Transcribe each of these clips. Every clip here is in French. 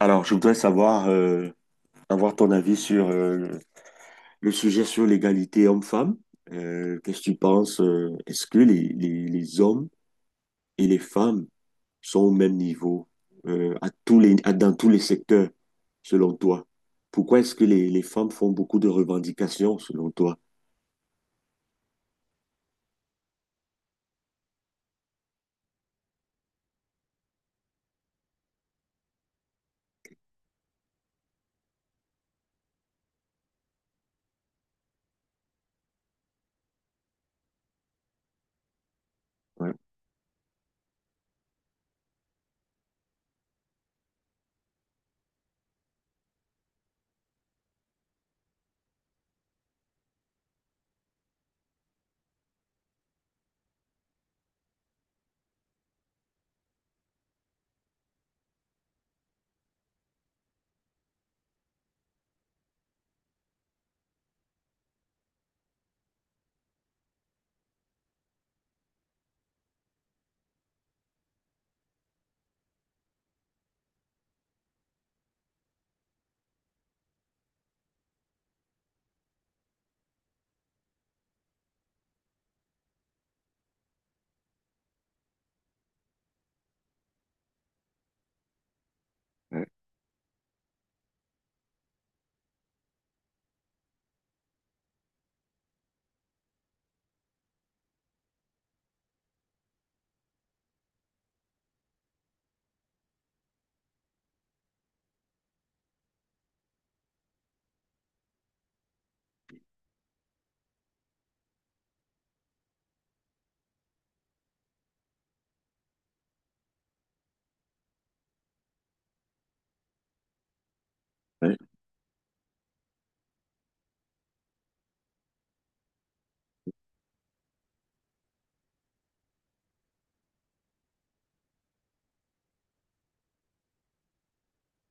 Alors, je voudrais savoir, avoir ton avis sur le sujet sur l'égalité homme-femme. Qu'est-ce que tu penses? Est-ce que les hommes et les femmes sont au même niveau à dans tous les secteurs, selon toi? Pourquoi est-ce que les femmes font beaucoup de revendications, selon toi? Ouais, ouais, ouais,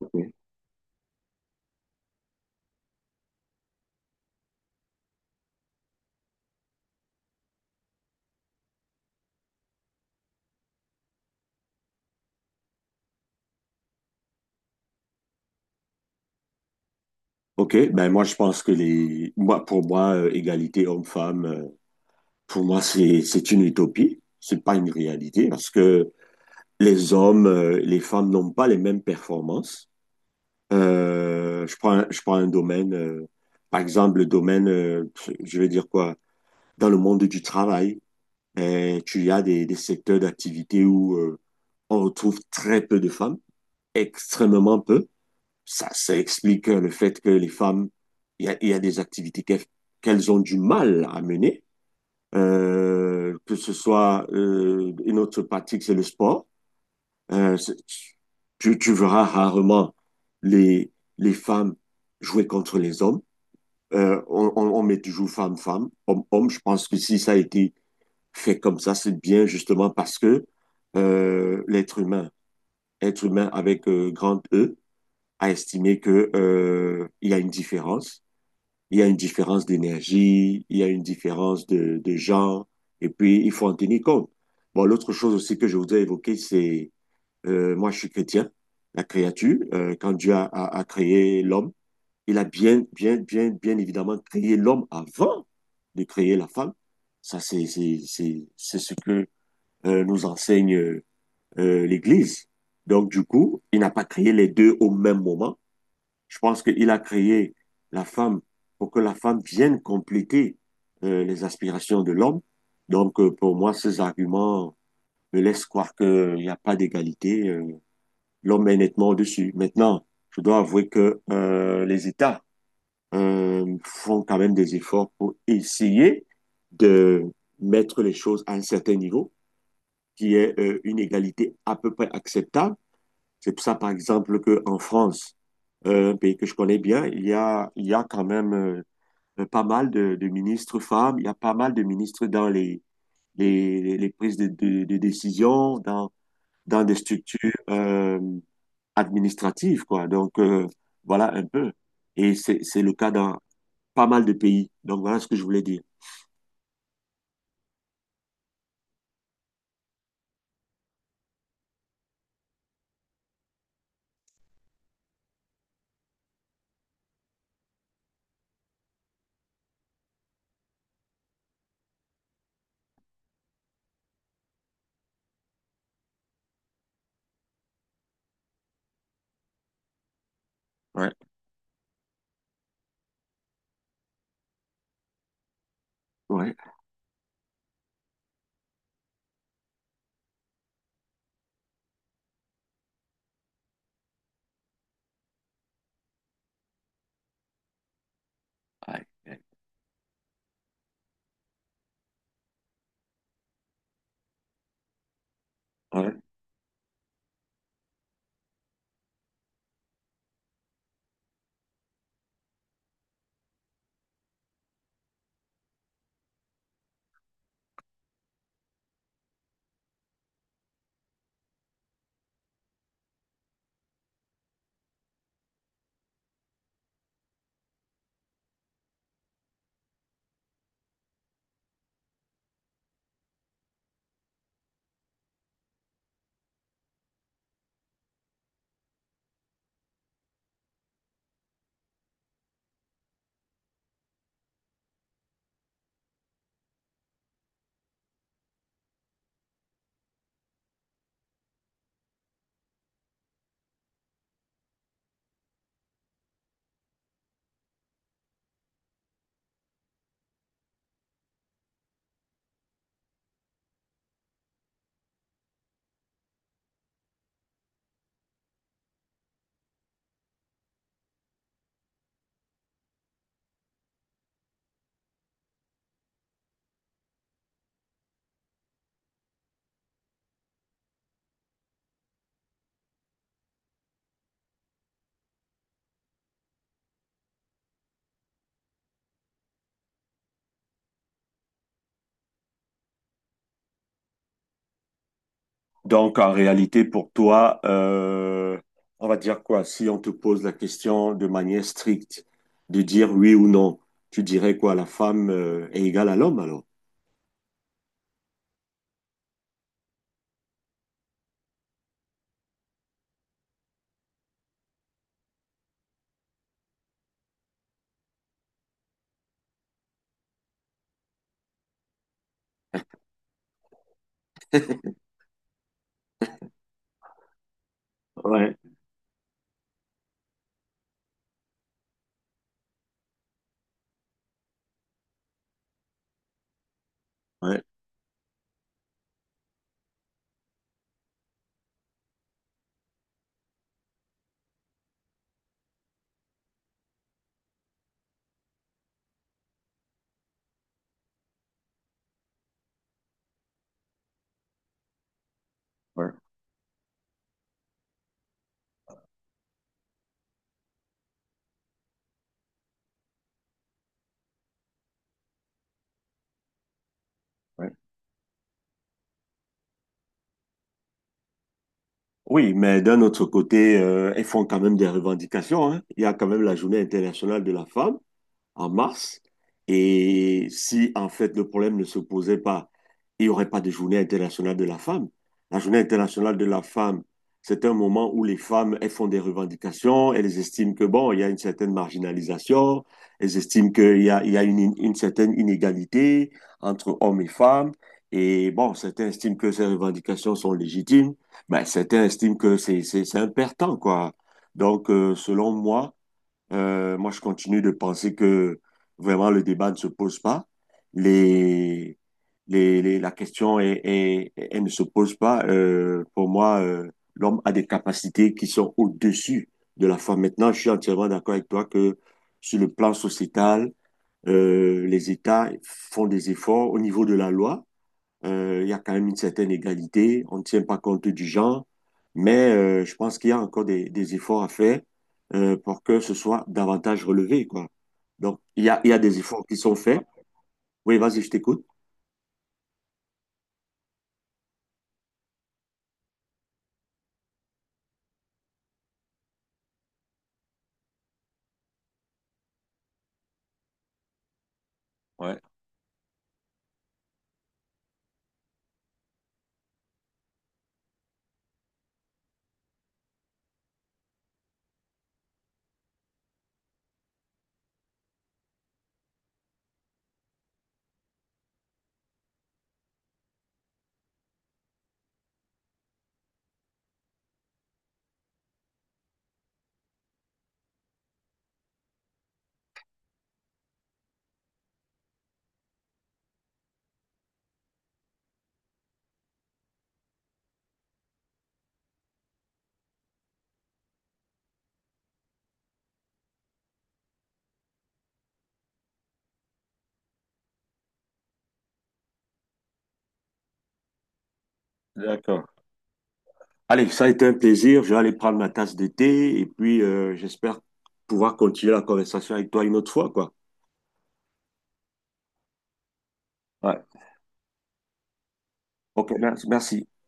ok. Ok, ben moi je pense que les moi pour moi égalité homme-femme pour moi c'est une utopie, c'est pas une réalité parce que les femmes n'ont pas les mêmes performances. Je prends, je prends un domaine, par exemple, le domaine, je vais dire quoi, dans le monde du travail, tu y as des secteurs d'activité où on retrouve très peu de femmes, extrêmement peu. Ça explique le fait que les femmes, il y a des activités qu'elles ont du mal à mener. Que ce soit une autre pratique, c'est le sport. Euh, c'est- tu verras rarement les, les femmes jouer contre les hommes. On met toujours femme-femme, homme-homme. Je pense que si ça a été fait comme ça, c'est bien justement parce que l'être humain, être humain avec grand E, a estimé que il y a une différence. Il y a une différence d'énergie, il y a une différence de genre, et puis il faut en tenir compte. Bon, l'autre chose aussi que je voudrais évoquer, c'est moi, je suis chrétien, la créature. Quand Dieu a créé l'homme, il a bien évidemment créé l'homme avant de créer la femme. C'est ce que nous enseigne l'Église. Donc, du coup, il n'a pas créé les deux au même moment. Je pense qu'il a créé la femme pour que la femme vienne compléter les aspirations de l'homme. Donc, pour moi, ces arguments me laissent croire qu'il n'y a pas d'égalité. L'homme est nettement au-dessus. Maintenant, je dois avouer que les États font quand même des efforts pour essayer de mettre les choses à un certain niveau, qui est une égalité à peu près acceptable. C'est pour ça, par exemple, qu'en France, un pays que je connais bien, il y a quand même pas mal de ministres femmes, il y a pas mal de ministres dans les prises de décision, dans des structures euh, administrative, quoi. Donc, voilà un peu. Et c'est le cas dans pas mal de pays. Donc, voilà ce que je voulais dire. Ouais, ouais, ouais, ouais, ouais. Donc, en réalité, pour toi, on va dire quoi? Si on te pose la question de manière stricte, de dire oui ou non, tu dirais quoi? La femme, est égale à l'homme, alors? Ouais, ouais, ouais, ouais. Oui, mais d'un autre côté, elles font quand même des revendications, hein. Il y a quand même la Journée internationale de la femme. En mars. Et si, en fait, le problème ne se posait pas, il n'y aurait pas de journée internationale de la femme. La journée internationale de la femme, c'est un moment où les femmes, elles font des revendications, elles estiment que, bon, il y a une certaine marginalisation, elles estiment qu'il y a une certaine inégalité entre hommes et femmes. Et bon, certains estiment que ces revendications sont légitimes, mais certains estiment que c'est un perte quoi. Donc, selon moi, moi, je continue de penser que vraiment le débat ne se pose pas. Les, la question est, elle ne se pose pas. Pour moi, l'homme a des capacités qui sont au-dessus de la foi. Maintenant, je suis entièrement d'accord avec toi que sur le plan sociétal, les États font des efforts au niveau de la loi, il y a quand même une certaine égalité. On ne tient pas compte du genre. Mais je pense qu'il y a encore des efforts à faire pour que ce soit davantage relevé, quoi. Donc, il y a des efforts qui sont faits. Oui, vas-y, je t'écoute. Ouais, d'accord. Allez, ça a été un plaisir. Je vais aller prendre ma tasse de thé et puis j'espère pouvoir continuer la conversation avec toi une autre fois, quoi. Ouais. Ok, merci. Merci.